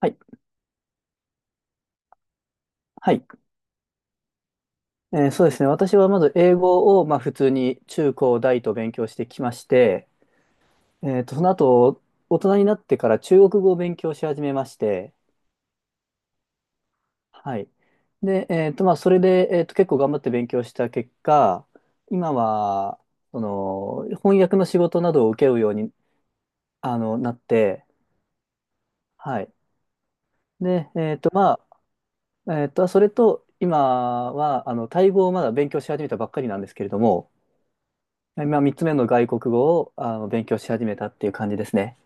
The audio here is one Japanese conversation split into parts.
はい。はい。そうですね。私はまず英語を、まあ、普通に中高大と勉強してきまして、その後、大人になってから中国語を勉強し始めまして、はい。で、それで、結構頑張って勉強した結果、今は、その、翻訳の仕事などを受けるように、なって、はい。で、それと、今は、タイ語をまだ勉強し始めたばっかりなんですけれども、今3つ目の外国語を勉強し始めたっていう感じですね。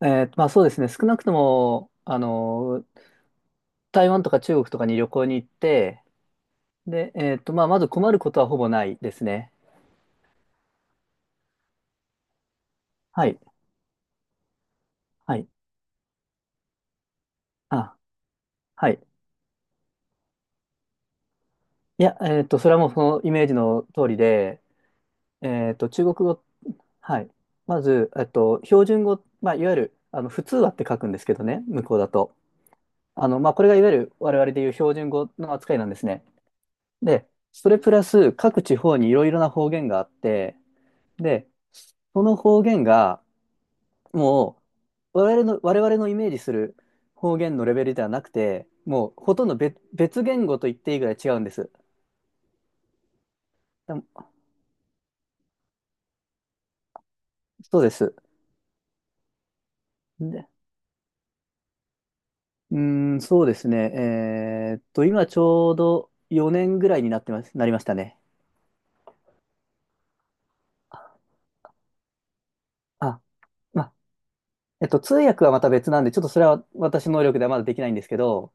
まあそうですね、少なくとも、台湾とか中国とかに旅行に行って、で、まあまず困ることはほぼないですね。はい、はい、あ、はい。いや、それはもうそのイメージの通りで、中国語、はい。まず、標準語、まあいわゆる、普通話って書くんですけどね、向こうだと。まあこれがいわゆる我々でいう標準語の扱いなんですね。で、それプラス各地方にいろいろな方言があって、で、その方言がもう我々のイメージする方言のレベルではなくて、もうほとんど別言語と言っていいぐらい違うんです。でもそうです。で、うーん、そうですね。今ちょうど4年ぐらいになってます、なりましたね。あ、まあ、通訳はまた別なんで、ちょっとそれは私の能力ではまだできないんですけど、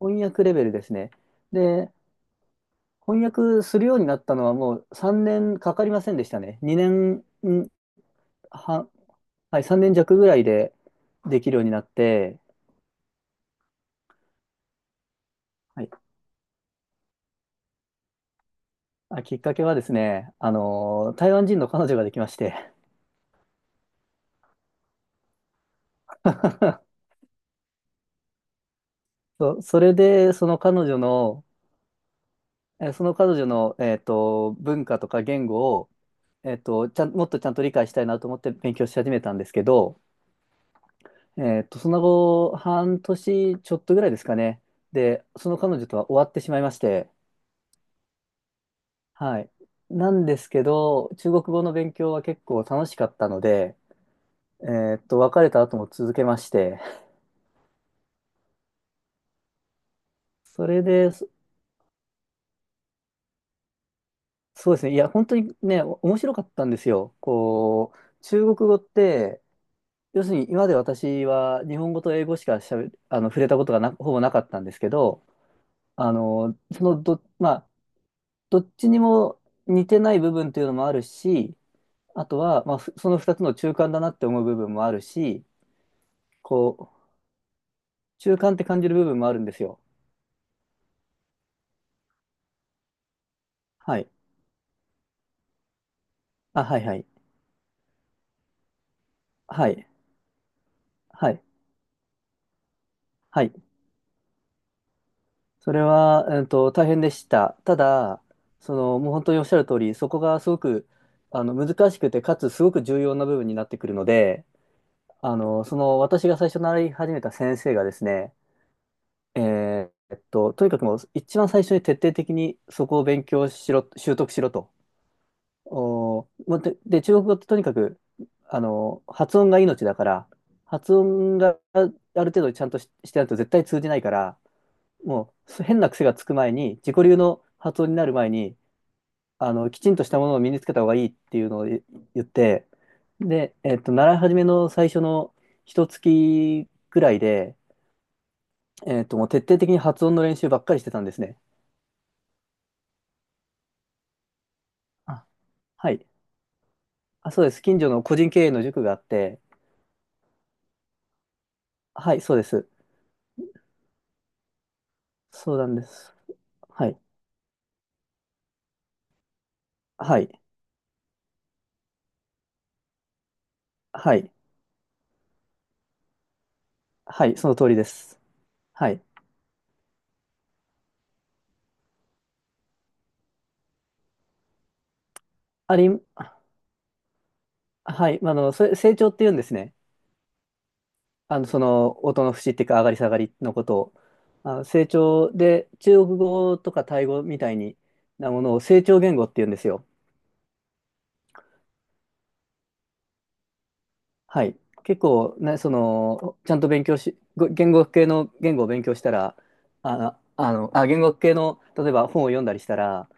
翻訳レベルですね。で、翻訳するようになったのはもう3年かかりませんでしたね。2年半、はい、3年弱ぐらいでできるようになって、はい、あ、きっかけはですね、台湾人の彼女ができまして、それでその彼女の、え、その彼女の、文化とか言語を、えっと、ちゃん、もっとちゃんと理解したいなと思って勉強し始めたんですけど、その後、半年ちょっとぐらいですかね。で、その彼女とは終わってしまいまして、はい。なんですけど、中国語の勉強は結構楽しかったので、別れた後も続けまして、それで、そうですね、いや、本当にね、面白かったんですよ。こう、中国語って、要するに今まで私は日本語と英語しかしゃべ、あの、触れたことほぼなかったんですけど、あの、そのど、まあ、どっちにも似てない部分というのもあるし、あとは、まあ、その2つの中間だなって思う部分もあるし、こう、中間って感じる部分もあるんですよ。はい。あ、はいはい。はい。はい。はい。それは、大変でした。ただ、その、もう本当におっしゃる通り、そこがすごく、難しくて、かつすごく重要な部分になってくるので、私が最初習い始めた先生がですね、とにかくもう一番最初に徹底的にそこを勉強しろ、習得しろと。おー、もうで、で中国語ってとにかく、発音が命だから、発音がある程度ちゃんとし、してないと絶対通じないから、もうそ変な癖がつく前に、自己流の発音になる前に、きちんとしたものを身につけた方がいいっていうのを言って、で、習い始めの最初の一月ぐらいで、もう徹底的に発音の練習ばっかりしてたんですね。あ、はい。あ、そうです。近所の個人経営の塾があって、はい、そうです。そうなんです。はい。はい。はい。はい。その通りです。はい。あり、はい。それ、成長って言うんですね。音の節っていうか、上がり下がりのことを。あ、成長で、中国語とかタイ語みたいにものを成長言語って言うんですよ。はい。結構、ね、その、ちゃんと勉強し、ご言語学系の言語を勉強したら、言語学系の、例えば本を読んだりしたら、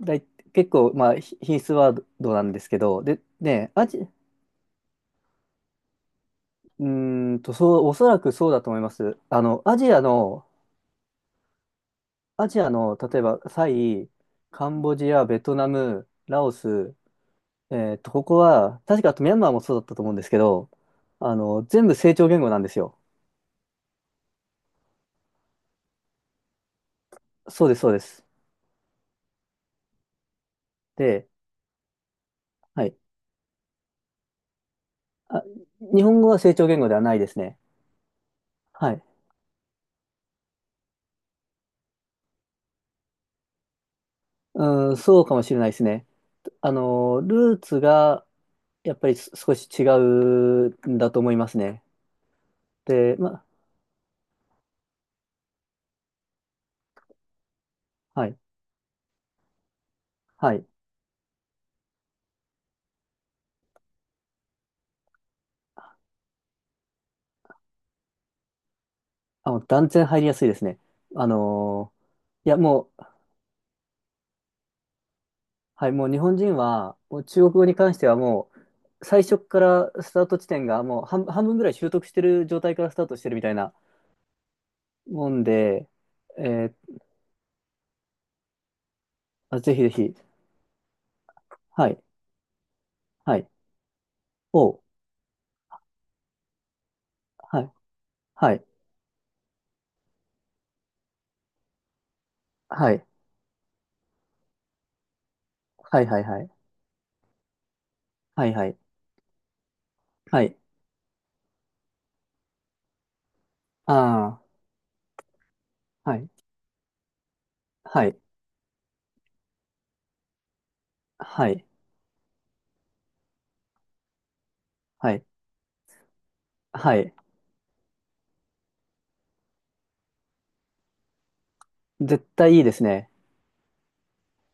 だい、結構、まあ、品質ワードなんですけど、で、ね、うーんと、そう、おそらくそうだと思います。アジアの、例えば、カンボジア、ベトナム、ラオス、ここは、確かあとミャンマーもそうだったと思うんですけど、全部成長言語なんですよ。そうです、そうです。で、はい。あ、日本語は成長言語ではないですね。はい。うん、そうかもしれないですね。ルーツが、やっぱり少し違うんだと思いますね。で、ま、はい。はい。あ、もう断然入りやすいですね。あのいや、もう、はい、もう日本人は、もう中国語に関してはもう、最初からスタート地点がもう半分ぐらい習得してる状態からスタートしてるみたいなもんで、えーあ、ぜひぜひ、はい、はい、おう、はい、はい、はい、はい、はい、はい、はい、はい、はい、ああ、はい、はい、はい、はい、はい、絶対いいですね。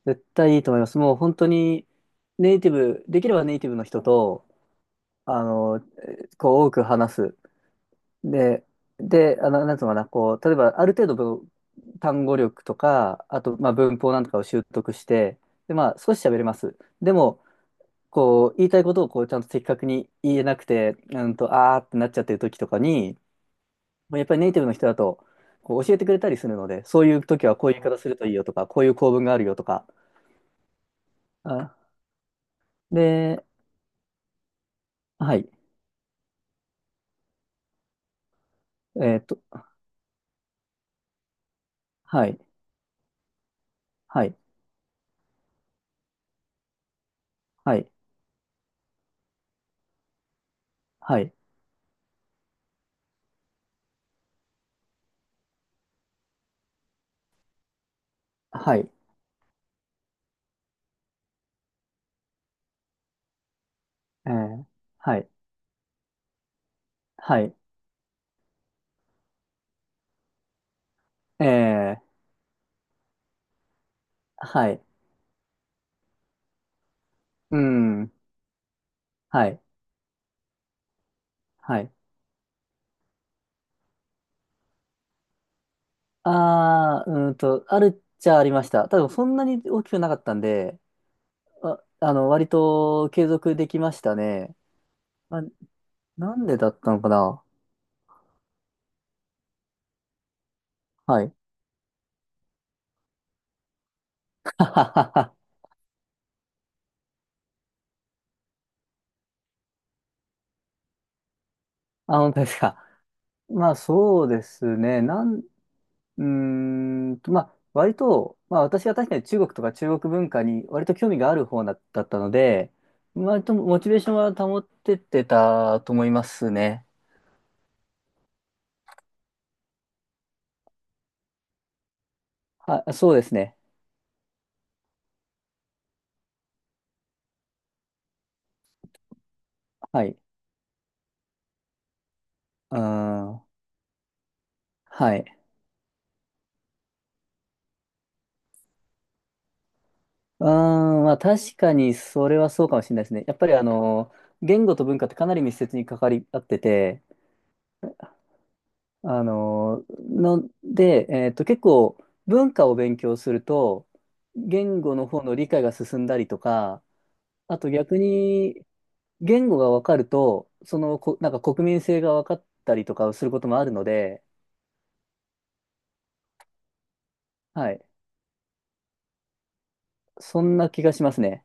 絶対いいと思います。もう本当に、ネイティブ、できればネイティブの人と、あの、こう多く話す。で、で、なんつうのかな、こう、例えばある程度単語力とか、あと、まあ、文法なんとかを習得して、で、まあ、少し喋れます。でも、こう、言いたいことをこう、ちゃんと的確に言えなくて、うんと、あーってなっちゃってる時とかに、もうやっぱりネイティブの人だと、こう、教えてくれたりするので、そういう時はこういう言い方するといいよとか、こういう構文があるよとか。あ、で、はい。えーっと、はい、はい、はい、はい、はい、えーはい。はい。ええ、はい。うん。はい。はい。ああ、うーんと、あるっちゃありました。ただ、そんなに大きくなかったんで、割と継続できましたね。まあ、なんでだったのかなはい。ははははあ、本当ですか。まあ、そうですね。なん、うーんと、まあ、割と、まあ、私は確かに中国とか中国文化に割と興味があるだったので、割とモチベーションは保ってってたと思いますね。は、そうですね。はい。うーん。はい。うーん。まあ確かにそれはそうかもしれないですね。やっぱり言語と文化ってかなり密接に関わり合ってて、あの、ので、結構文化を勉強すると、言語の方の理解が進んだりとか、あと逆に言語が分かると、そのこ、なんか国民性が分かったりとかをすることもあるので、はい。そんな気がしますね。